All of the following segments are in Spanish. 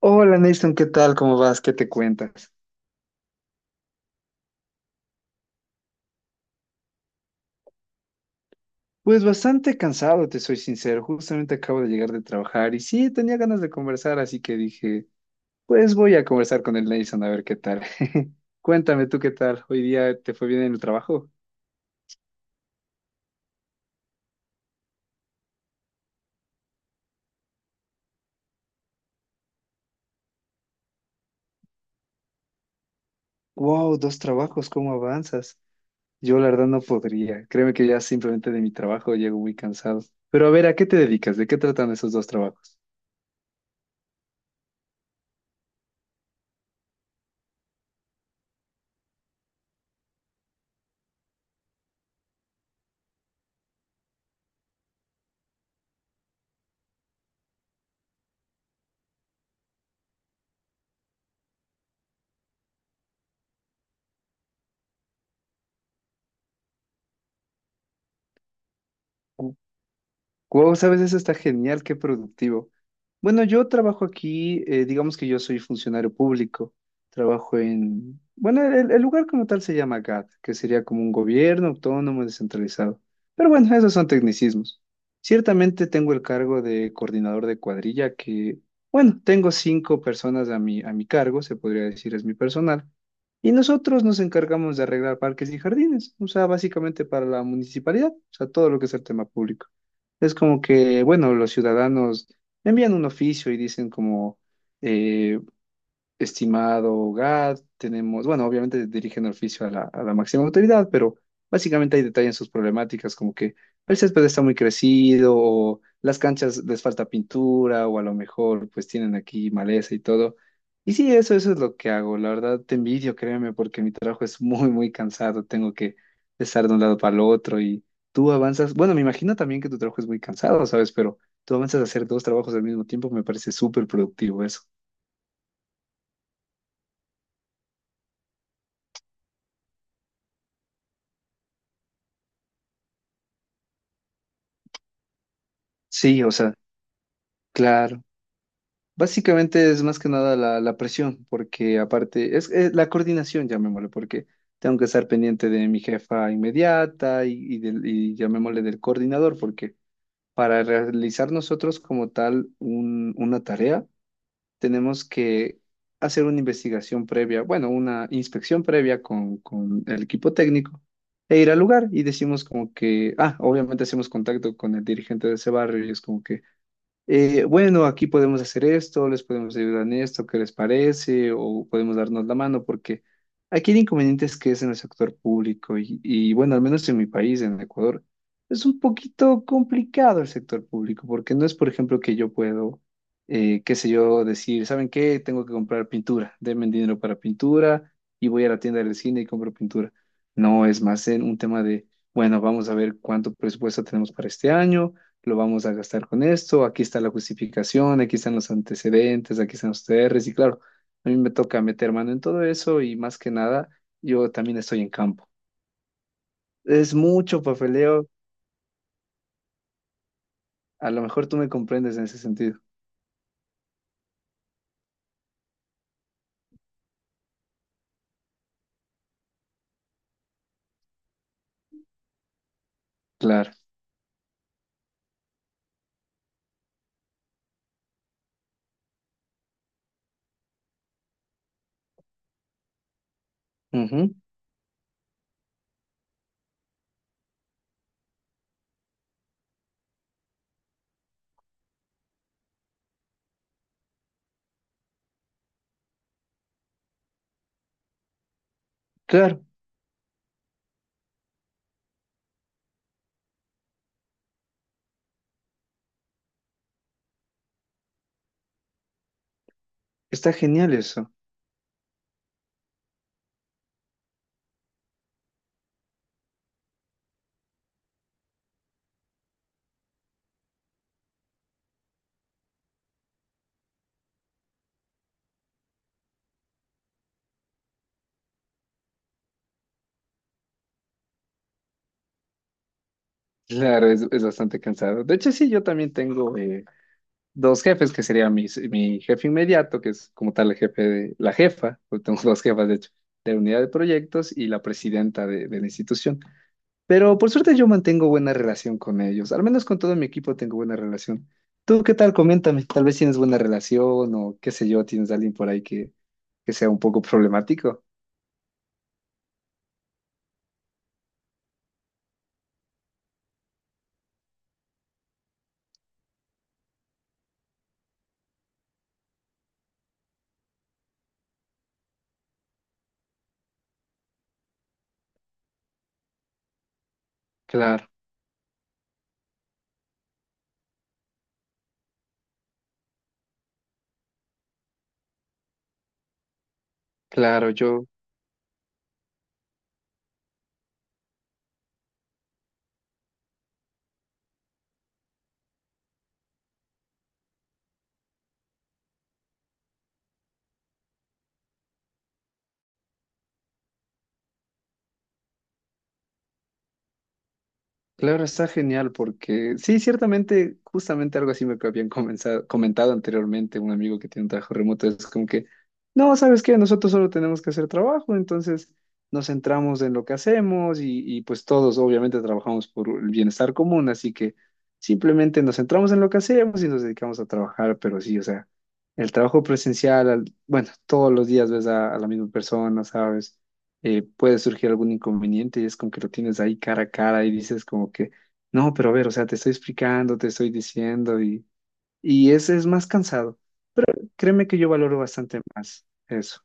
Hola Nathan, ¿qué tal? ¿Cómo vas? ¿Qué te cuentas? Pues bastante cansado, te soy sincero. Justamente acabo de llegar de trabajar y sí, tenía ganas de conversar, así que dije, pues voy a conversar con el Nathan a ver qué tal. Cuéntame tú qué tal. ¿Hoy día te fue bien en el trabajo? Wow, dos trabajos, ¿cómo avanzas? Yo la verdad no podría. Créeme que ya simplemente de mi trabajo llego muy cansado. Pero a ver, ¿a qué te dedicas? ¿De qué tratan esos dos trabajos? Wow, sabes, eso está genial, qué productivo. Bueno, yo trabajo aquí, digamos que yo soy funcionario público, trabajo en, bueno, el lugar como tal se llama GAT, que sería como un gobierno autónomo descentralizado. Pero bueno, esos son tecnicismos. Ciertamente tengo el cargo de coordinador de cuadrilla, que, bueno, tengo 5 personas a mi cargo, se podría decir es mi personal. Y nosotros nos encargamos de arreglar parques y jardines, o sea, básicamente para la municipalidad, o sea, todo lo que es el tema público. Es como que, bueno, los ciudadanos envían un oficio y dicen como, eh, estimado GAD, tenemos, bueno, obviamente dirigen el oficio a a la máxima autoridad, pero básicamente hay detalle en sus problemáticas, como que el césped está muy crecido, o las canchas les falta pintura, o a lo mejor pues tienen aquí maleza y todo. Y sí, eso es lo que hago. La verdad, te envidio, créeme, porque mi trabajo es muy, muy cansado. Tengo que estar de un lado para el otro y tú avanzas. Bueno, me imagino también que tu trabajo es muy cansado, ¿sabes? Pero tú avanzas a hacer dos trabajos al mismo tiempo, me parece súper productivo eso. Sí, o sea, claro, básicamente es más que nada la presión, porque aparte es la coordinación, llamémosle, porque tengo que estar pendiente de mi jefa inmediata y llamémosle del coordinador, porque para realizar nosotros como tal una tarea, tenemos que hacer una investigación previa, bueno, una inspección previa con el equipo técnico e ir al lugar y decimos como que, ah, obviamente hacemos contacto con el dirigente de ese barrio y es como que bueno, aquí podemos hacer esto, les podemos ayudar en esto, ¿qué les parece? O podemos darnos la mano, porque aquí el inconveniente es que es en el sector público y bueno, al menos en mi país, en Ecuador, es un poquito complicado el sector público, porque no es, por ejemplo, que yo puedo, qué sé yo, decir, ¿saben qué? Tengo que comprar pintura, denme dinero para pintura y voy a la tienda del cine y compro pintura. No, es más en un tema de, bueno, vamos a ver cuánto presupuesto tenemos para este año lo vamos a gastar con esto, aquí está la justificación, aquí están los antecedentes, aquí están los TRs y claro, a mí me toca meter mano en todo eso y más que nada, yo también estoy en campo. Es mucho papeleo, a lo mejor tú me comprendes en ese sentido. Claro, ujú, claro, está genial eso. Claro, es bastante cansado. De hecho, sí, yo también tengo dos jefes, que sería mi jefe inmediato, que es como tal el jefe de, la jefa, porque tengo dos jefas, de hecho, de unidad de proyectos y la presidenta de la institución. Pero por suerte yo mantengo buena relación con ellos, al menos con todo mi equipo tengo buena relación. ¿Tú qué tal? Coméntame, tal vez tienes buena relación o qué sé yo, tienes a alguien por ahí que sea un poco problemático. Claro, claro, yo claro, está genial porque sí, ciertamente, justamente algo así me habían comentado anteriormente un amigo que tiene un trabajo remoto, es como que, no, ¿sabes qué? Nosotros solo tenemos que hacer trabajo, entonces nos centramos en lo que hacemos y pues todos obviamente trabajamos por el bienestar común, así que simplemente nos centramos en lo que hacemos y nos dedicamos a trabajar, pero sí, o sea, el trabajo presencial, bueno, todos los días ves a la misma persona, ¿sabes? Puede surgir algún inconveniente y es como que lo tienes ahí cara a cara y dices como que, no, pero a ver, o sea, te estoy explicando, te estoy diciendo y ese es más cansado. Créeme que yo valoro bastante más eso.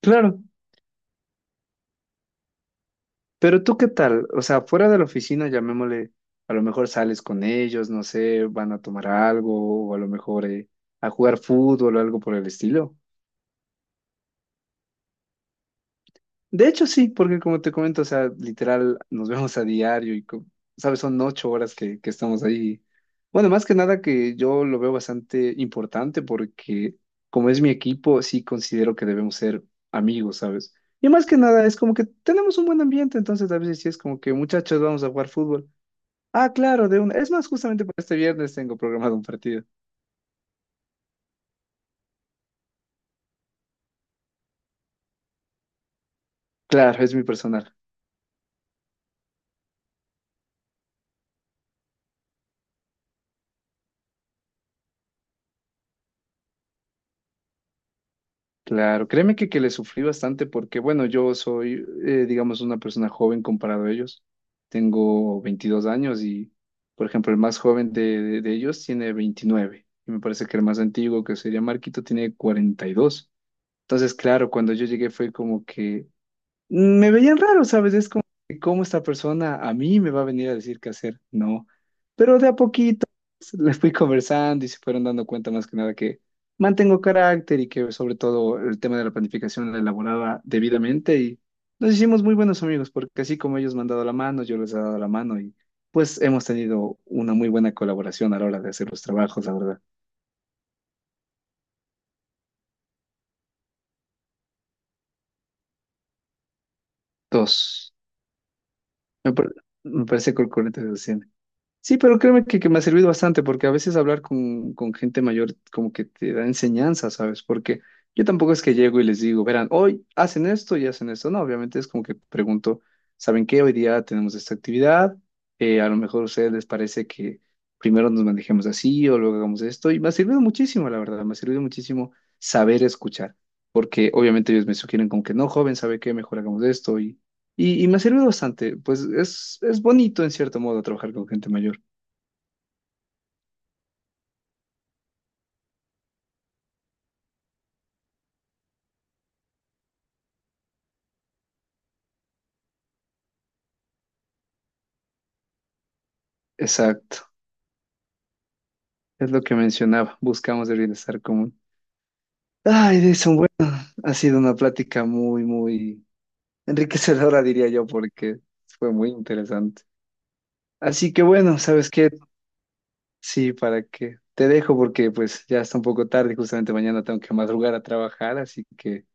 Claro, pero ¿tú qué tal? O sea, fuera de la oficina, llamémosle, a lo mejor sales con ellos, no sé, van a tomar algo o a lo mejor a jugar fútbol o algo por el estilo. De hecho, sí, porque como te comento, o sea, literal, nos vemos a diario, sabes, son 8 horas que estamos ahí. Bueno, más que nada que yo lo veo bastante importante porque como es mi equipo, sí considero que debemos ser amigos, ¿sabes? Y más que nada es como que tenemos un buen ambiente, entonces a veces sí es como que muchachos vamos a jugar fútbol. Ah, claro, de una. Es más, justamente para este viernes tengo programado un partido. Claro, es mi personal. Claro, créeme que le sufrí bastante porque, bueno, yo soy, digamos, una persona joven comparado a ellos. Tengo 22 años y, por ejemplo, el más joven de, de ellos tiene 29. Y me parece que el más antiguo, que sería Marquito, tiene 42. Entonces, claro, cuando yo llegué fue como que me veían raro, ¿sabes? Es como, ¿cómo esta persona a mí me va a venir a decir qué hacer? No. Pero de a poquito pues, les fui conversando y se fueron dando cuenta más que nada que mantengo carácter y que sobre todo el tema de la planificación la elaboraba debidamente y nos hicimos muy buenos amigos porque así como ellos me han dado la mano, yo les he dado la mano y pues hemos tenido una muy buena colaboración a la hora de hacer los trabajos, la verdad. Dos. Me, par- Me parece que el 40. Sí, pero créeme que me ha servido bastante porque a veces hablar con gente mayor como que te da enseñanza, ¿sabes? Porque yo tampoco es que llego y les digo, verán, hoy hacen esto y hacen esto. No, obviamente es como que pregunto, ¿saben qué? Hoy día tenemos esta actividad. A lo mejor a ustedes les parece que primero nos manejemos así o luego hagamos esto. Y me ha servido muchísimo, la verdad, me ha servido muchísimo saber escuchar. Porque obviamente ellos me sugieren como que no, joven, ¿sabe qué? Mejor hagamos esto. Y me ha servido bastante. Pues es bonito en cierto modo trabajar con gente mayor. Exacto, es lo que mencionaba, buscamos el bienestar común. Ay, Edison, bueno, ha sido una plática muy, muy enriquecedora, diría yo, porque fue muy interesante. Así que bueno, ¿sabes qué? Sí, para que te dejo porque pues ya está un poco tarde, justamente mañana tengo que madrugar a trabajar, así que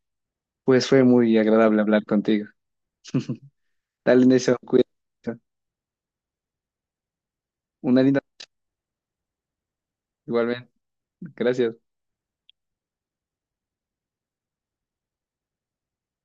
pues fue muy agradable hablar contigo. Dale, Edison, cuídate. Una linda, igualmente. Gracias.